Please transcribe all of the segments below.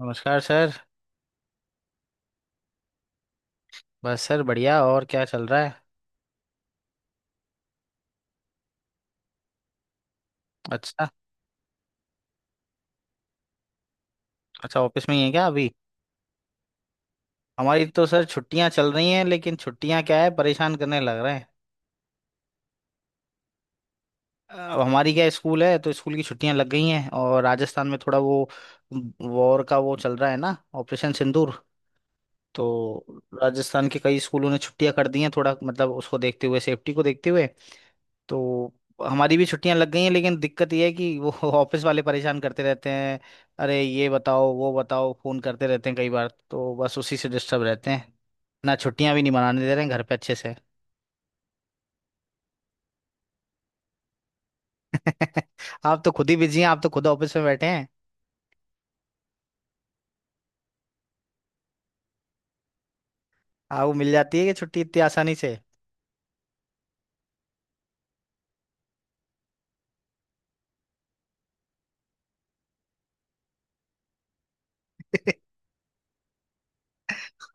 नमस्कार सर। बस सर बढ़िया और क्या चल रहा है। अच्छा, अच्छा ऑफिस में ही है क्या अभी। हमारी तो सर छुट्टियां चल रही हैं, लेकिन छुट्टियां क्या है, परेशान करने लग रहे हैं। अब हमारी क्या स्कूल है तो स्कूल की छुट्टियां लग गई हैं, और राजस्थान में थोड़ा वो वॉर का वो चल रहा है ना, ऑपरेशन सिंदूर। तो राजस्थान के कई स्कूलों ने छुट्टियां कर दी हैं, थोड़ा मतलब उसको देखते हुए, सेफ्टी को देखते हुए। तो हमारी भी छुट्टियां लग गई हैं, लेकिन दिक्कत यह है कि वो ऑफिस वाले परेशान करते रहते हैं। अरे ये बताओ, वो बताओ, फोन करते रहते हैं, कई बार तो बस उसी से डिस्टर्ब रहते हैं। ना छुट्टियां भी नहीं मनाने दे रहे हैं घर पे अच्छे से। आप तो खुद ही बिजी हैं, आप तो खुद ऑफिस में बैठे हैं। आपको मिल जाती है कि छुट्टी इतनी आसानी से?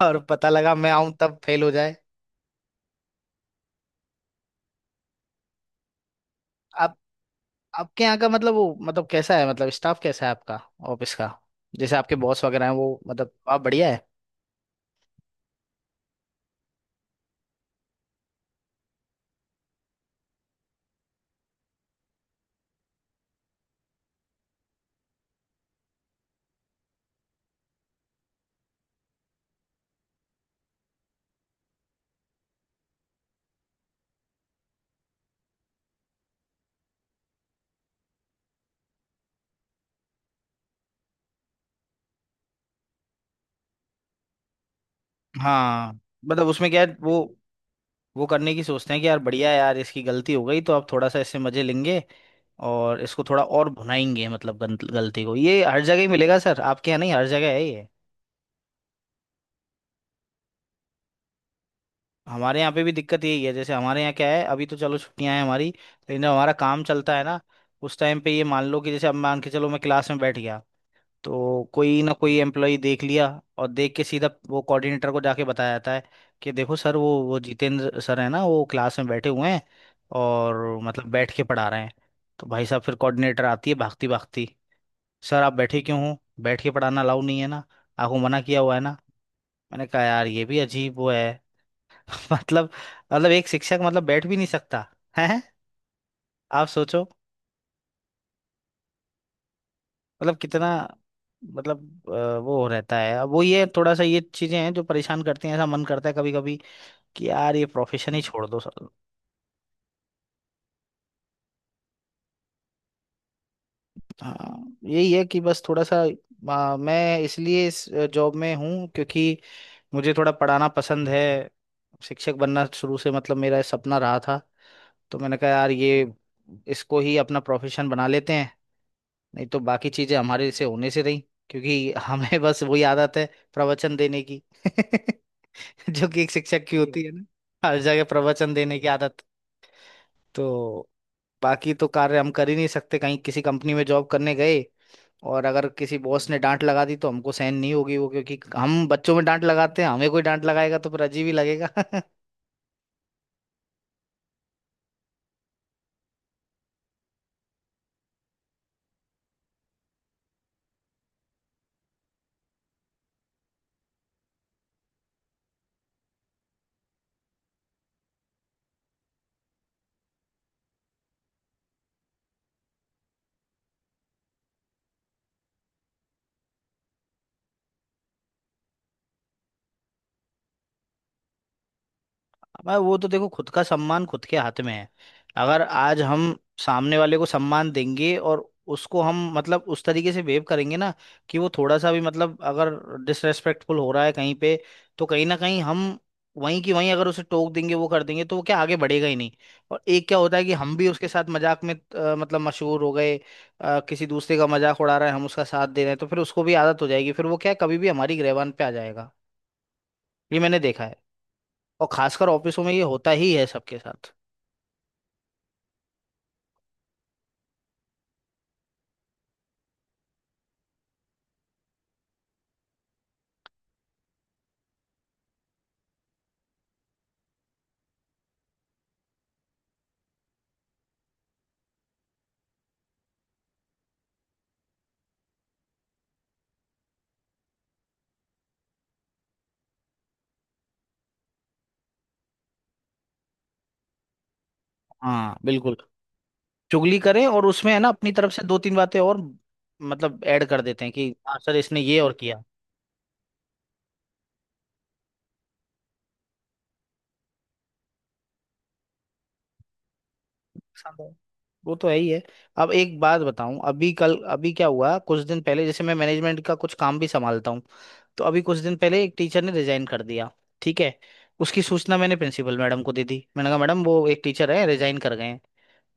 और पता लगा मैं आऊं तब फेल हो जाए। आप आपके यहाँ का मतलब वो, मतलब कैसा है, मतलब स्टाफ कैसा है आपका ऑफिस का। जैसे आपके बॉस वगैरह हैं वो, मतलब आप बढ़िया है। हाँ, मतलब उसमें क्या है, वो करने की सोचते हैं कि यार बढ़िया है यार, इसकी गलती हो गई तो अब थोड़ा सा इससे मजे लेंगे और इसको थोड़ा और भुनाएंगे। मतलब गलती को, ये हर जगह ही मिलेगा सर, आपके यहाँ नहीं, हर जगह है ये। हमारे यहाँ पे भी दिक्कत यही है। जैसे हमारे यहाँ क्या है, अभी तो चलो छुट्टियां हैं हमारी, लेकिन जब हमारा काम चलता है ना, उस टाइम पे ये मान लो कि जैसे अब मान के चलो मैं क्लास में बैठ गया, तो कोई ना कोई एम्प्लॉय देख लिया, और देख के सीधा वो कोऑर्डिनेटर को जाके बताया जाता है कि देखो सर वो जितेंद्र सर है ना, वो क्लास में बैठे हुए हैं, और मतलब बैठ के पढ़ा रहे हैं। तो भाई साहब फिर कोऑर्डिनेटर आती है भागती भागती, सर आप बैठे क्यों हो, बैठ के पढ़ाना अलाउ नहीं है ना, आपको मना किया हुआ है ना। मैंने कहा यार ये भी अजीब वो है। मतलब, मतलब एक शिक्षक मतलब बैठ भी नहीं सकता है। आप सोचो, मतलब कितना, मतलब वो रहता है, अब वो ये थोड़ा सा ये चीजें हैं जो परेशान करती हैं। ऐसा मन करता है कभी कभी कि यार ये प्रोफेशन ही छोड़ दो सर। हाँ यही है कि बस थोड़ा सा मैं इसलिए इस जॉब में हूँ क्योंकि मुझे थोड़ा पढ़ाना पसंद है। शिक्षक बनना शुरू से मतलब मेरा सपना रहा था, तो मैंने कहा यार ये इसको ही अपना प्रोफेशन बना लेते हैं। नहीं तो बाकी चीजें हमारे से होने से रही, क्योंकि हमें बस वही आदत है, प्रवचन देने की जो कि एक शिक्षक की जी होती है ना, हर जगह प्रवचन देने की आदत। तो बाकी तो कार्य हम कर ही नहीं सकते। कहीं किसी कंपनी में जॉब करने गए और अगर किसी बॉस ने डांट लगा दी तो हमको सहन नहीं होगी वो, क्योंकि हम बच्चों में डांट लगाते हैं, हमें कोई डांट लगाएगा तो फिर अजीब ही लगेगा। मैं वो तो देखो, खुद का सम्मान खुद के हाथ में है। अगर आज हम सामने वाले को सम्मान देंगे और उसको हम मतलब उस तरीके से बिहेव करेंगे ना, कि वो थोड़ा सा भी मतलब अगर डिसरेस्पेक्टफुल हो रहा है कहीं पे, तो कहीं ना कहीं हम वहीं की वहीं अगर उसे टोक देंगे, वो कर देंगे, तो वो क्या आगे बढ़ेगा ही नहीं। और एक क्या होता है कि हम भी उसके साथ मजाक में मतलब मशहूर हो गए, किसी दूसरे का मजाक उड़ा रहा है, हम उसका साथ दे रहे हैं, तो फिर उसको भी आदत हो जाएगी, फिर वो क्या है, कभी भी हमारी गिरबान पे आ जाएगा। ये मैंने देखा है। और खासकर ऑफिसों में ये होता ही है सबके साथ। हाँ बिल्कुल। चुगली करें और उसमें है ना, अपनी तरफ से दो तीन बातें और मतलब ऐड कर देते हैं कि हाँ सर इसने ये और किया। पसंद है। वो तो है ही है। अब एक बात बताऊं, अभी कल, अभी क्या हुआ, कुछ दिन पहले, जैसे मैं मैनेजमेंट का कुछ काम भी संभालता हूँ, तो अभी कुछ दिन पहले एक टीचर ने रिजाइन कर दिया। ठीक है। उसकी सूचना मैंने प्रिंसिपल मैडम को दे दी। मैंने कहा मैडम वो एक टीचर है, रिजाइन कर गए हैं।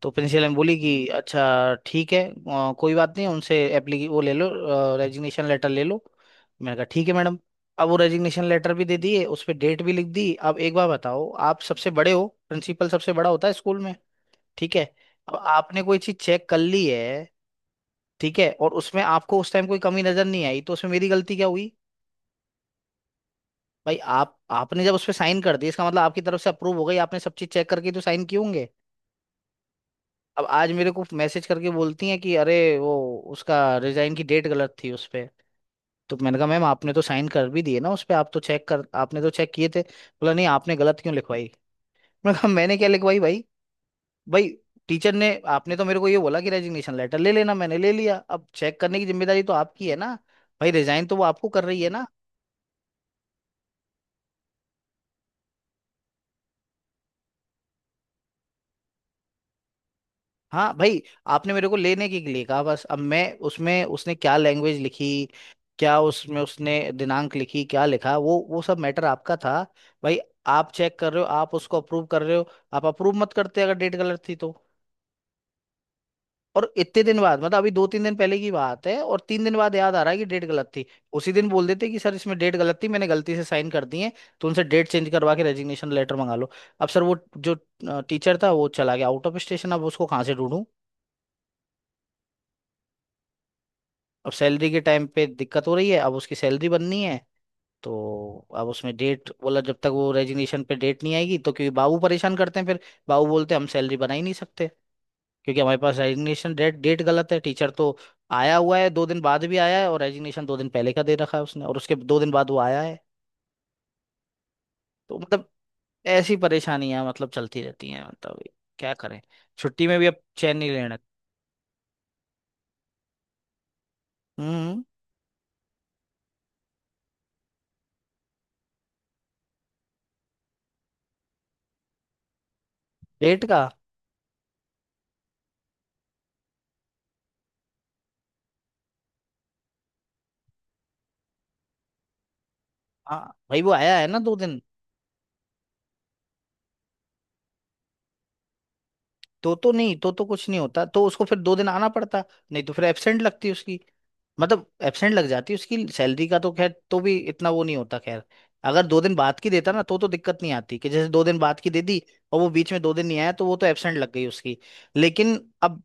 तो प्रिंसिपल मैम बोली कि अच्छा ठीक है, कोई बात नहीं, उनसे एप्ली वो ले लो, रेजिग्नेशन लेटर ले लो। मैंने कहा ठीक है मैडम। अब वो रेजिग्नेशन लेटर भी दे दिए, उस पर डेट भी लिख दी। अब एक बार बताओ, आप सबसे बड़े हो, प्रिंसिपल सबसे बड़ा होता है स्कूल में, ठीक है। अब आपने कोई चीज चेक कर ली है, ठीक है, और उसमें आपको उस टाइम कोई कमी नजर नहीं आई, तो उसमें मेरी गलती क्या हुई भाई। आप आपने जब उस पर साइन कर दी, इसका मतलब आपकी तरफ से अप्रूव हो गई, आपने सब चीज चेक करके तो साइन किए होंगे। अब आज मेरे को मैसेज करके बोलती हैं कि अरे वो उसका रिजाइन की डेट गलत थी उस पे। तो मैंने कहा मैम आपने तो साइन कर भी दिए ना उस पे, आप तो चेक कर, आपने तो चेक किए थे, बोला नहीं आपने गलत क्यों लिखवाई। मैंने कहा मैंने क्या लिखवाई भाई। भाई टीचर ने, आपने तो मेरे को ये बोला कि रेजिग्नेशन लेटर ले लेना, मैंने ले लिया, अब चेक करने की जिम्मेदारी तो आपकी है ना। भाई रिजाइन तो वो आपको कर रही है ना। हाँ भाई, आपने मेरे को लेने के लिए कहा बस, अब मैं उसमें उसने क्या लैंग्वेज लिखी, क्या उसमें उसने दिनांक लिखी, क्या लिखा वो सब मैटर आपका था भाई। आप चेक कर रहे हो, आप उसको अप्रूव कर रहे हो। आप अप्रूव मत करते अगर डेट गलत थी तो। और इतने दिन बाद, मतलब अभी दो तीन दिन पहले की बात है, और तीन दिन बाद याद आ रहा है कि डेट गलत थी। उसी दिन बोल देते कि सर इसमें डेट गलत थी, मैंने गलती से साइन कर दी है, तो उनसे डेट चेंज करवा के रेजिग्नेशन लेटर मंगा लो। अब सर वो जो टीचर था वो चला गया आउट ऑफ स्टेशन, अब उसको कहाँ से ढूंढूं। अब सैलरी के टाइम पे दिक्कत हो रही है, अब उसकी सैलरी बननी है, तो अब उसमें डेट बोला जब तक वो रेजिग्नेशन पे डेट नहीं आएगी तो, क्योंकि बाबू परेशान करते हैं फिर। बाबू बोलते हैं हम सैलरी बना ही नहीं सकते, क्योंकि हमारे पास रेजिग्नेशन डेट डेट गलत है। टीचर तो आया हुआ है, दो दिन बाद भी आया है, और रेजिग्नेशन दो दिन पहले का दे रखा है उसने, और उसके दो दिन बाद वो आया है। तो मतलब ऐसी परेशानियां मतलब चलती रहती हैं, मतलब क्या करें, छुट्टी में भी अब चैन नहीं रहना। हम्म। डेट का। हाँ भाई वो आया है ना दो दिन, तो नहीं, तो कुछ नहीं होता, तो उसको फिर दो दिन आना पड़ता, नहीं तो फिर एब्सेंट लगती उसकी, मतलब एब्सेंट लग जाती उसकी, सैलरी का तो खैर तो भी इतना वो नहीं होता, खैर। अगर दो दिन बाद की देता ना तो, दिक्कत नहीं आती, कि जैसे दो दिन बाद की दे दी और वो बीच में दो दिन नहीं आया, तो वो तो एब्सेंट लग गई उसकी, लेकिन अब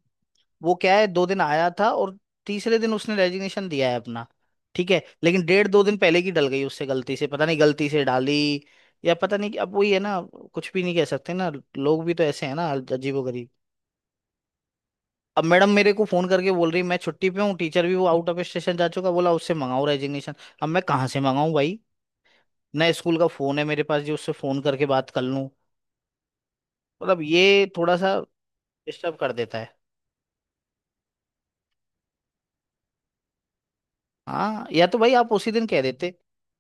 वो क्या है, दो दिन आया था और तीसरे दिन उसने रेजिग्नेशन दिया है अपना। ठीक है, लेकिन डेढ़ दो दिन पहले की डल गई उससे गलती से, पता नहीं गलती से डाली या पता नहीं कि-, अब वही है ना, कुछ भी नहीं कह सकते ना, लोग भी तो ऐसे हैं ना अजीबो। अब मैडम मेरे को फोन करके बोल रही मैं छुट्टी पे हूँ, टीचर भी वो आउट ऑफ स्टेशन जा चुका, बोला उससे मंगाऊं रेजिग्नेशन, अब मैं कहाँ से मंगाऊं भाई। नया स्कूल का फोन है मेरे पास जो उससे फोन करके बात कर लूं। मतलब ये थोड़ा सा डिस्टर्ब कर देता है। हाँ या तो भाई आप उसी दिन कह देते।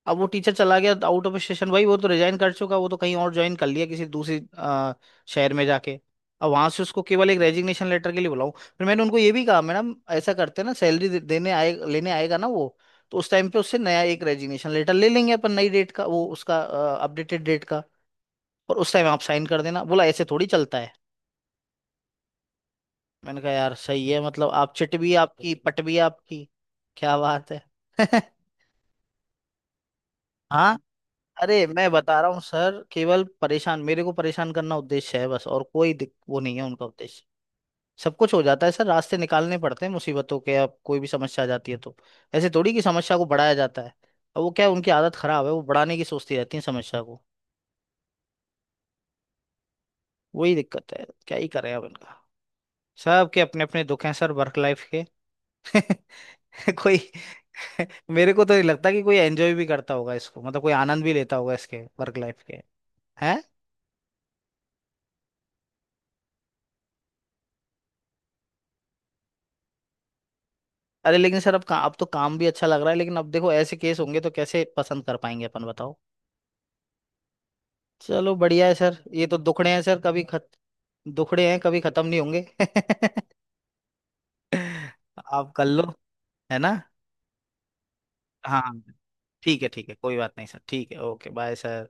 अब वो टीचर चला गया आउट ऑफ स्टेशन, भाई वो तो रिजाइन कर चुका, वो तो कहीं और ज्वाइन कर लिया किसी दूसरी शहर में जाके। अब वहां से उसको केवल एक रेजिग्नेशन लेटर के लिए बुलाऊं। फिर मैंने उनको ये भी कहा, मैडम ऐसा करते हैं ना, सैलरी दे, देने आए, लेने आएगा ना वो, तो उस टाइम पे उससे नया एक रेजिग्नेशन लेटर ले लेंगे अपन, नई डेट का वो उसका, अपडेटेड डेट का, और उस टाइम आप साइन कर देना। बोला ऐसे थोड़ी चलता है। मैंने कहा यार सही है, मतलब आप चिट भी आपकी, पट भी आपकी, क्या बात है। हाँ। अरे मैं बता रहा हूँ सर, केवल परेशान, मेरे को परेशान करना उद्देश्य है बस, और कोई वो नहीं है उनका उद्देश्य। सब कुछ हो जाता है सर, रास्ते निकालने पड़ते हैं मुसीबतों के, अब कोई भी समस्या आ जाती है तो, ऐसे थोड़ी कि समस्या को बढ़ाया जाता है। अब वो क्या है, उनकी आदत खराब है, वो बढ़ाने की सोचती रहती है समस्या को। वही दिक्कत है, क्या ही करें अब इनका। सबके अपने अपने दुख हैं सर वर्क लाइफ के। कोई मेरे को तो नहीं लगता कि कोई एंजॉय भी करता होगा इसको, मतलब कोई आनंद भी लेता होगा इसके वर्क लाइफ के। अरे लेकिन सर अब अब तो काम भी अच्छा लग रहा है, लेकिन अब देखो ऐसे केस होंगे तो कैसे पसंद कर पाएंगे अपन बताओ। चलो बढ़िया है सर, ये तो दुखड़े हैं सर, कभी खत दुखड़े हैं कभी खत्म नहीं होंगे। आप कर लो, है ना। हाँ ठीक है, ठीक है, कोई बात नहीं सर, ठीक है, ओके बाय सर।